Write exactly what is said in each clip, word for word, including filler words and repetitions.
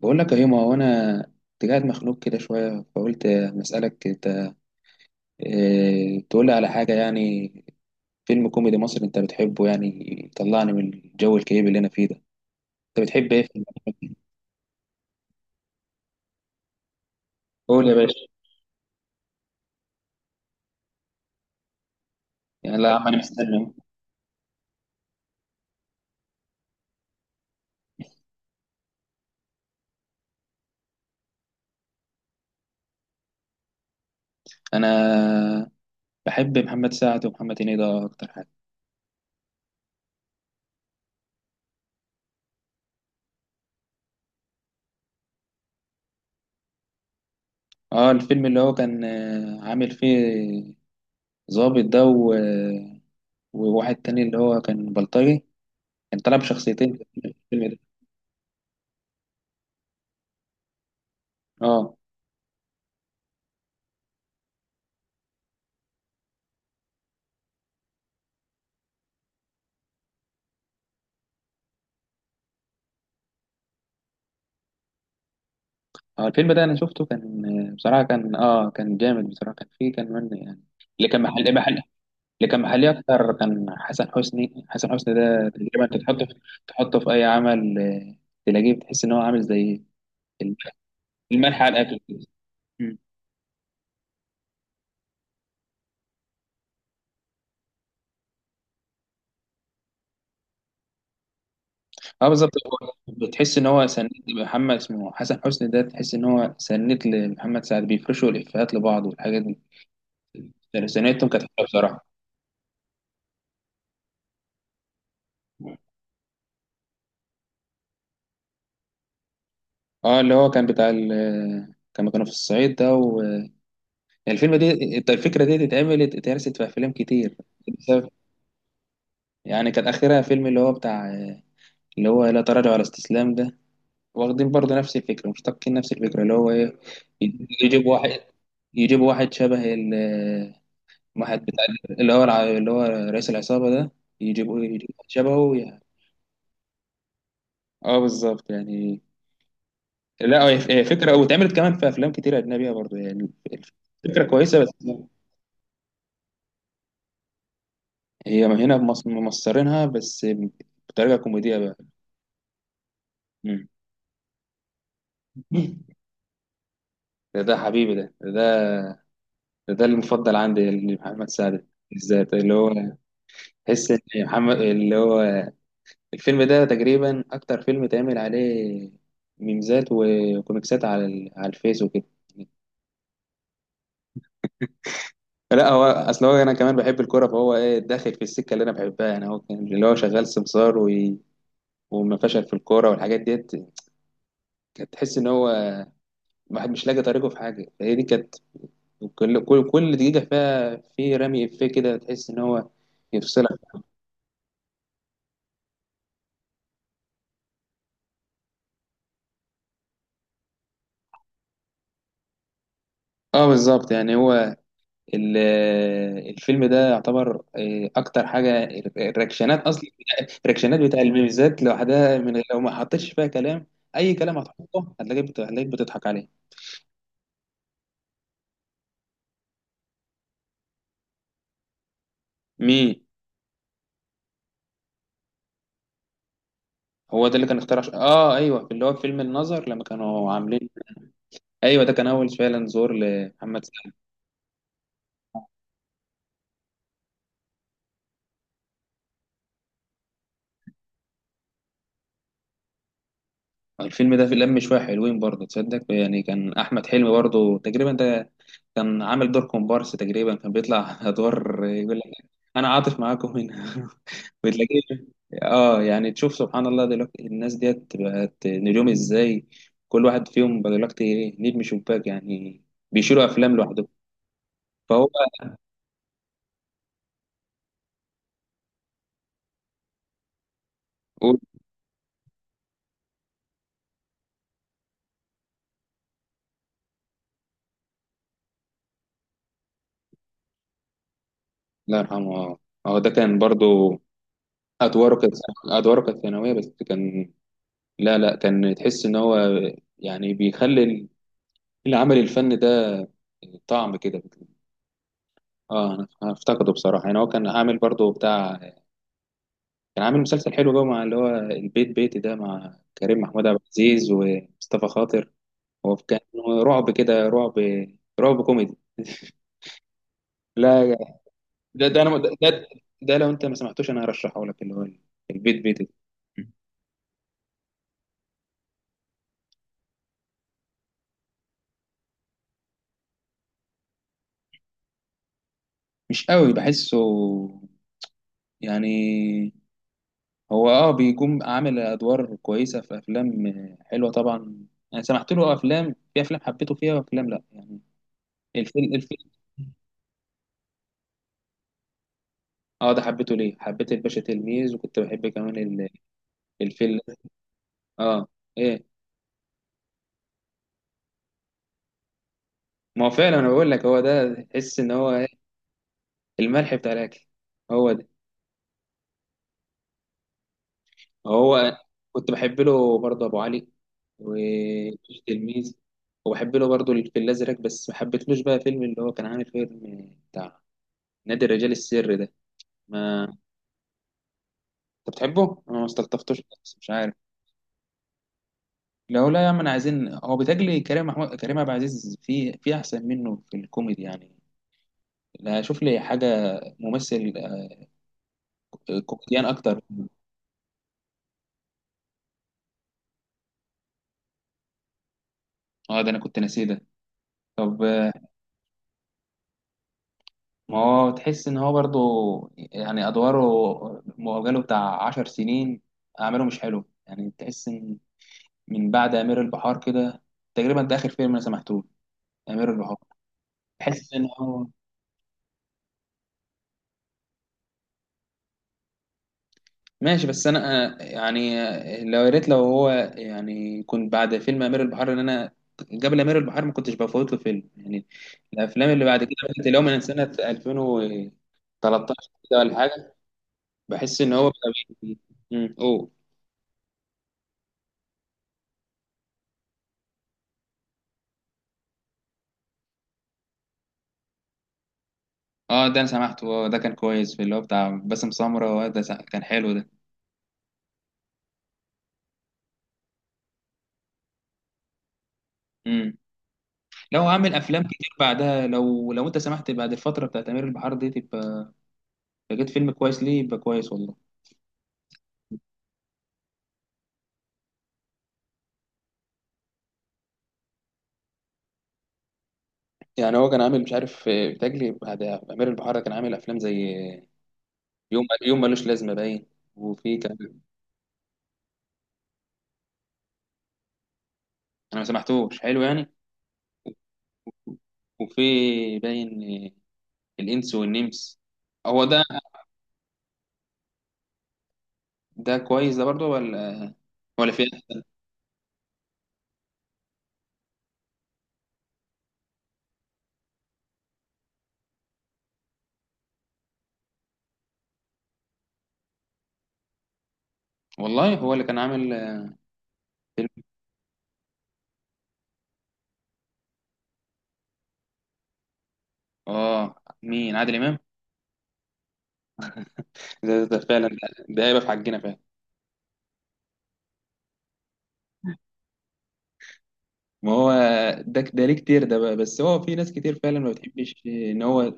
بقول لك اهي. ما هو انا كنت قاعد مخنوق كده شويه، فقلت مسألك: انت إيه تقول لي على حاجه يعني؟ فيلم كوميدي مصري انت بتحبه، يعني يطلعني من الجو الكئيب اللي انا فيه ده. انت بتحب ايه في- قول يا باشا. يعني لا يا عم، انا مستني أهو. انا بحب محمد سعد ومحمد هنيدي، ده اكتر حاجه. اه، الفيلم اللي هو كان آه، عامل فيه ظابط ده و- آه، وواحد تاني اللي هو كان بلطجي، كان طلع بشخصيتين في الفيلم ده. اه، اه، الفيلم ده انا شفته، كان بصراحه كان اه كان جامد بصراحه. كان فيه كان من يعني اللي كان محل محل اللي كان محلي اكتر، كان حسن حسني. حسن حسني ده تقريبا انت تحطه في، تحطه في اي عمل آه، تلاقيه، بتحس ان هو عامل زي الملح على الاكل كده. مم. اه بالظبط، هو بتحس ان هو سند. محمد اسمه حسن حسني ده، تحس ان هو سند لمحمد سعد، بيفرشوا الافيهات لبعض والحاجات دي. يعني سنتهم كانت حلوه بصراحه. اه، اللي هو كان بتاع ال- كانوا كانوا في الصعيد ده. يعني الفيلم دي، الت- الفكرة دي اتعملت، اتهرست في أفلام كتير بسبب، يعني كان آخرها فيلم اللي هو بتاع، اللي هو لا تراجع ولا استسلام ده. واخدين برضه نفس الفكرة، مشتقين نفس الفكرة اللي هو إيه، يجيب واحد، يجيب واحد شبه ال- واحد بتاع اللي هو الع- اللي هو رئيس العصابة ده، يجيبوه، يجيب واحد شبهه يعني. اه بالظبط يعني. لا، هي هي فكرة واتعملت كمان في أفلام كتير أجنبية برضه يعني. الفكرة كويسة، بس هي هنا مص- ممصرينها بس بطريقة كوميدية بقى. ده ده حبيبي ده ده، ده المفضل عندي لمحمد سعد بالذات، اللي هو تحس ان محمد اللي هو الفيلم ده تقريبا اكتر فيلم اتعمل عليه ميمزات وكوميكسات على ال- على الفيس وكده. لا، هو اصل هو انا كمان بحب الكوره، فهو ايه داخل في السكه اللي انا بحبها يعني. هو كان اللي هو شغال سمسار وي- وما فشل في الكوره والحاجات ديت. كانت تحس ان هو الواحد مش لاقي طريقه في حاجه، فهي دي كانت كل كل كل دقيقه فيها في رمي افيه كده، تحس ان هو يفصلك. اه بالظبط يعني. هو ال- آه، الفيلم ده يعتبر آه، اكتر حاجه الرياكشنات اصلا، الرياكشنات بتاع الميمزات لوحدها، من غير- لو ما حطيتش فيها كلام، اي كلام هتحطه هتلاقيك بت- هتلاقيك بتضحك عليه. مين؟ هو ده اللي كان اخترع ش- اه، ايوه، اللي هو فيلم النظر لما كانوا عاملين. ايوه، ده كان اول فعلا زور لمحمد سعد. الفيلم ده في لم شويه حلوين برضه، تصدق؟ يعني كان احمد حلمي برضه تقريبا ده كان عامل دور كومبارس تقريبا، كان بيطلع ادوار يقول لك: انا عاطف معاكم هنا. بتلاقيه، اه يعني، تشوف سبحان الله دلوقتي الناس ديت بقت نجوم ازاي، كل واحد فيهم بقى دلوقتي ايه، نجم شباك يعني، بيشيلوا افلام لوحدهم، فهو. قول. الله يرحمه، اه. هو ده كان برضو، ادواره كانت، ادواره كانت ثانويه، بس كان، لا لا، كان تحس ان هو يعني بيخلي العمل الفني ده طعم كده. اه، انا أنا افتقده بصراحه يعني. هو كان عامل برضو بتاع، كان عامل مسلسل حلو بقى مع اللي هو البيت بيتي ده، مع كريم محمود عبد العزيز ومصطفى خاطر. هو كان رعب كده، رعب، رعب كوميدي. لا، ده ده انا ده, ده ده لو انت ما سمعتوش انا هرشحه لك، اللي هو البيت بيتي ده. مش قوي بحسه يعني. هو اه بيكون عامل ادوار كويسه في افلام حلوه طبعا، انا سمعت له افلام، في افلام حبيته فيها وافلام لا يعني. الفيلم الفيلم، اه ده حبيته. ليه حبيت الباشا تلميذ، وكنت بحب كمان ال- الفيل. اه، ايه؟ ما هو فعلا، انا بقول لك هو ده تحس ان هو إيه؟ الملح بتاع الاكل، هو ده. هو كنت بحب له برضه ابو علي وفيش تلميذ، وبحب له برضه الفيل الازرق، بس ما حبيتلوش بقى فيلم اللي هو كان عامل فيلم بتاع نادي الرجال السري ده. ما انت بتحبه، انا ما استلطفتوش، بس مش عارف. لو لا يا عم، انا عايزين، هو بيتهيألي كريم محمود كريم عبد العزيز في في احسن منه في الكوميدي يعني. لا، شوف لي حاجه ممثل، آه، كوميديان اكتر. اه ده انا كنت ناسيه ده. طب آه، ما هو تحس ان هو برضه يعني ادواره مؤجله بتاع عشر سنين، اعماله مش حلو يعني. تحس ان من بعد امير البحار كده تقريبا ده اخر فيلم انا سمعته. امير البحار، تحس ان هو ماشي. بس انا آه، يعني آه، لو يا ريت، لو هو يعني، كنت بعد فيلم امير البحار، ان انا قبل امير البحار ما كنتش بفوت له فيلم يعني. الافلام اللي بعد كده بدات، اللي هو من سنه ألفين وتلتاشر كده ولا حاجه، بحس ان هو بقى بي- مم، قول. اه ده انا سمعته، آه، ده كان كويس، في اللي هو بتاع باسم سمرة، آه، ده س- كان حلو ده. امم لو عامل افلام كتير بعدها، لو لو انت سمحت بعد الفتره بتاعت امير البحار دي، تبقى لقيت فيلم كويس ليه، يبقى كويس والله. يعني هو كان عامل، مش عارف، آه، بيتهيألي بعد امير البحار ده كان عامل افلام زي آه، يوم يوم، ملوش لازمه باين. وفي كان، انا ما سمحتوش حلو يعني. وفي باين، آه، الانس والنمس، هو ده. ده كويس ده برضه ولا ولا فيه؟ والله هو اللي كان عامل آه، فيلم. اه، مين؟ عادل امام؟ ده، ده فعلا، ده، ده هيبقى في حقنا فعلا. ما هو ده ده ليه كتير ده بقى، بس هو في ناس كتير فعلا ما بتحبش ان هو.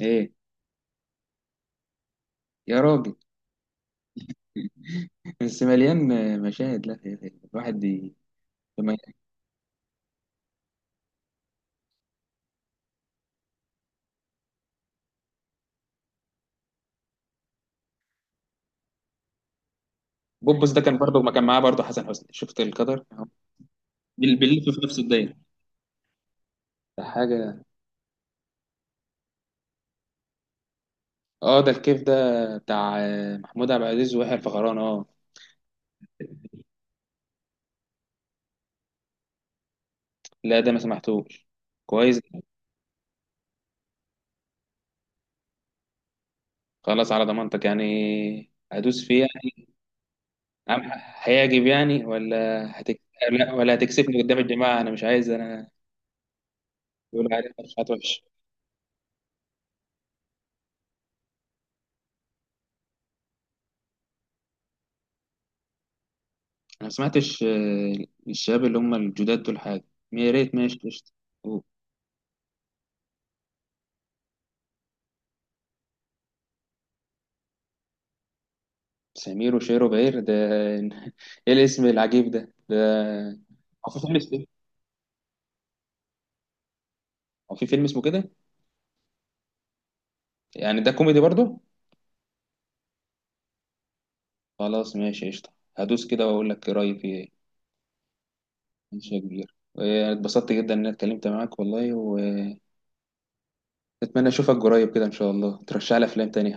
ايه؟ يا راجل، بس مليان مشاهد. لا يا أخي، الواحد ي- لما- بوبس ده كان برضه ما كان معاه برضه حسن حسني. شفت القدر أهو، بال- بيلف في نفس الدايره، ده حاجه. اه، ده الكيف ده بتاع آه، محمود عبد العزيز ويحيى الفخراني، اه. لا ده ما سمحتوش، كويس. خلاص على ضمانتك، يعني هدوس فيه. أم هيعجب يعني ولا هتك...؟ لا ولا هتكسفني قدام الجماعة، أنا مش عايز أنا يقول عليها مدفوعات وحشة. أنا ما سمعتش آه، الشباب اللي هم الجداد دول حاجة. يا ريت، ماشي قشطة. أوه، سمير وشير وبهير ده، إيه الاسم العجيب ده ده هو في فيلم اسمه إيه؟ هو في فيلم اسمه كده، يعني ده كوميدي برضه؟ خلاص ماشي قشطة، هدوس كده وأقول لك رأيي فيه إيه. ماشي يا كبير، آه، اتبسطت جدا إن أنا اتكلمت معاك والله، وأتمنى أشوفك قريب كده إن شاء الله ترشح لي أفلام تانية.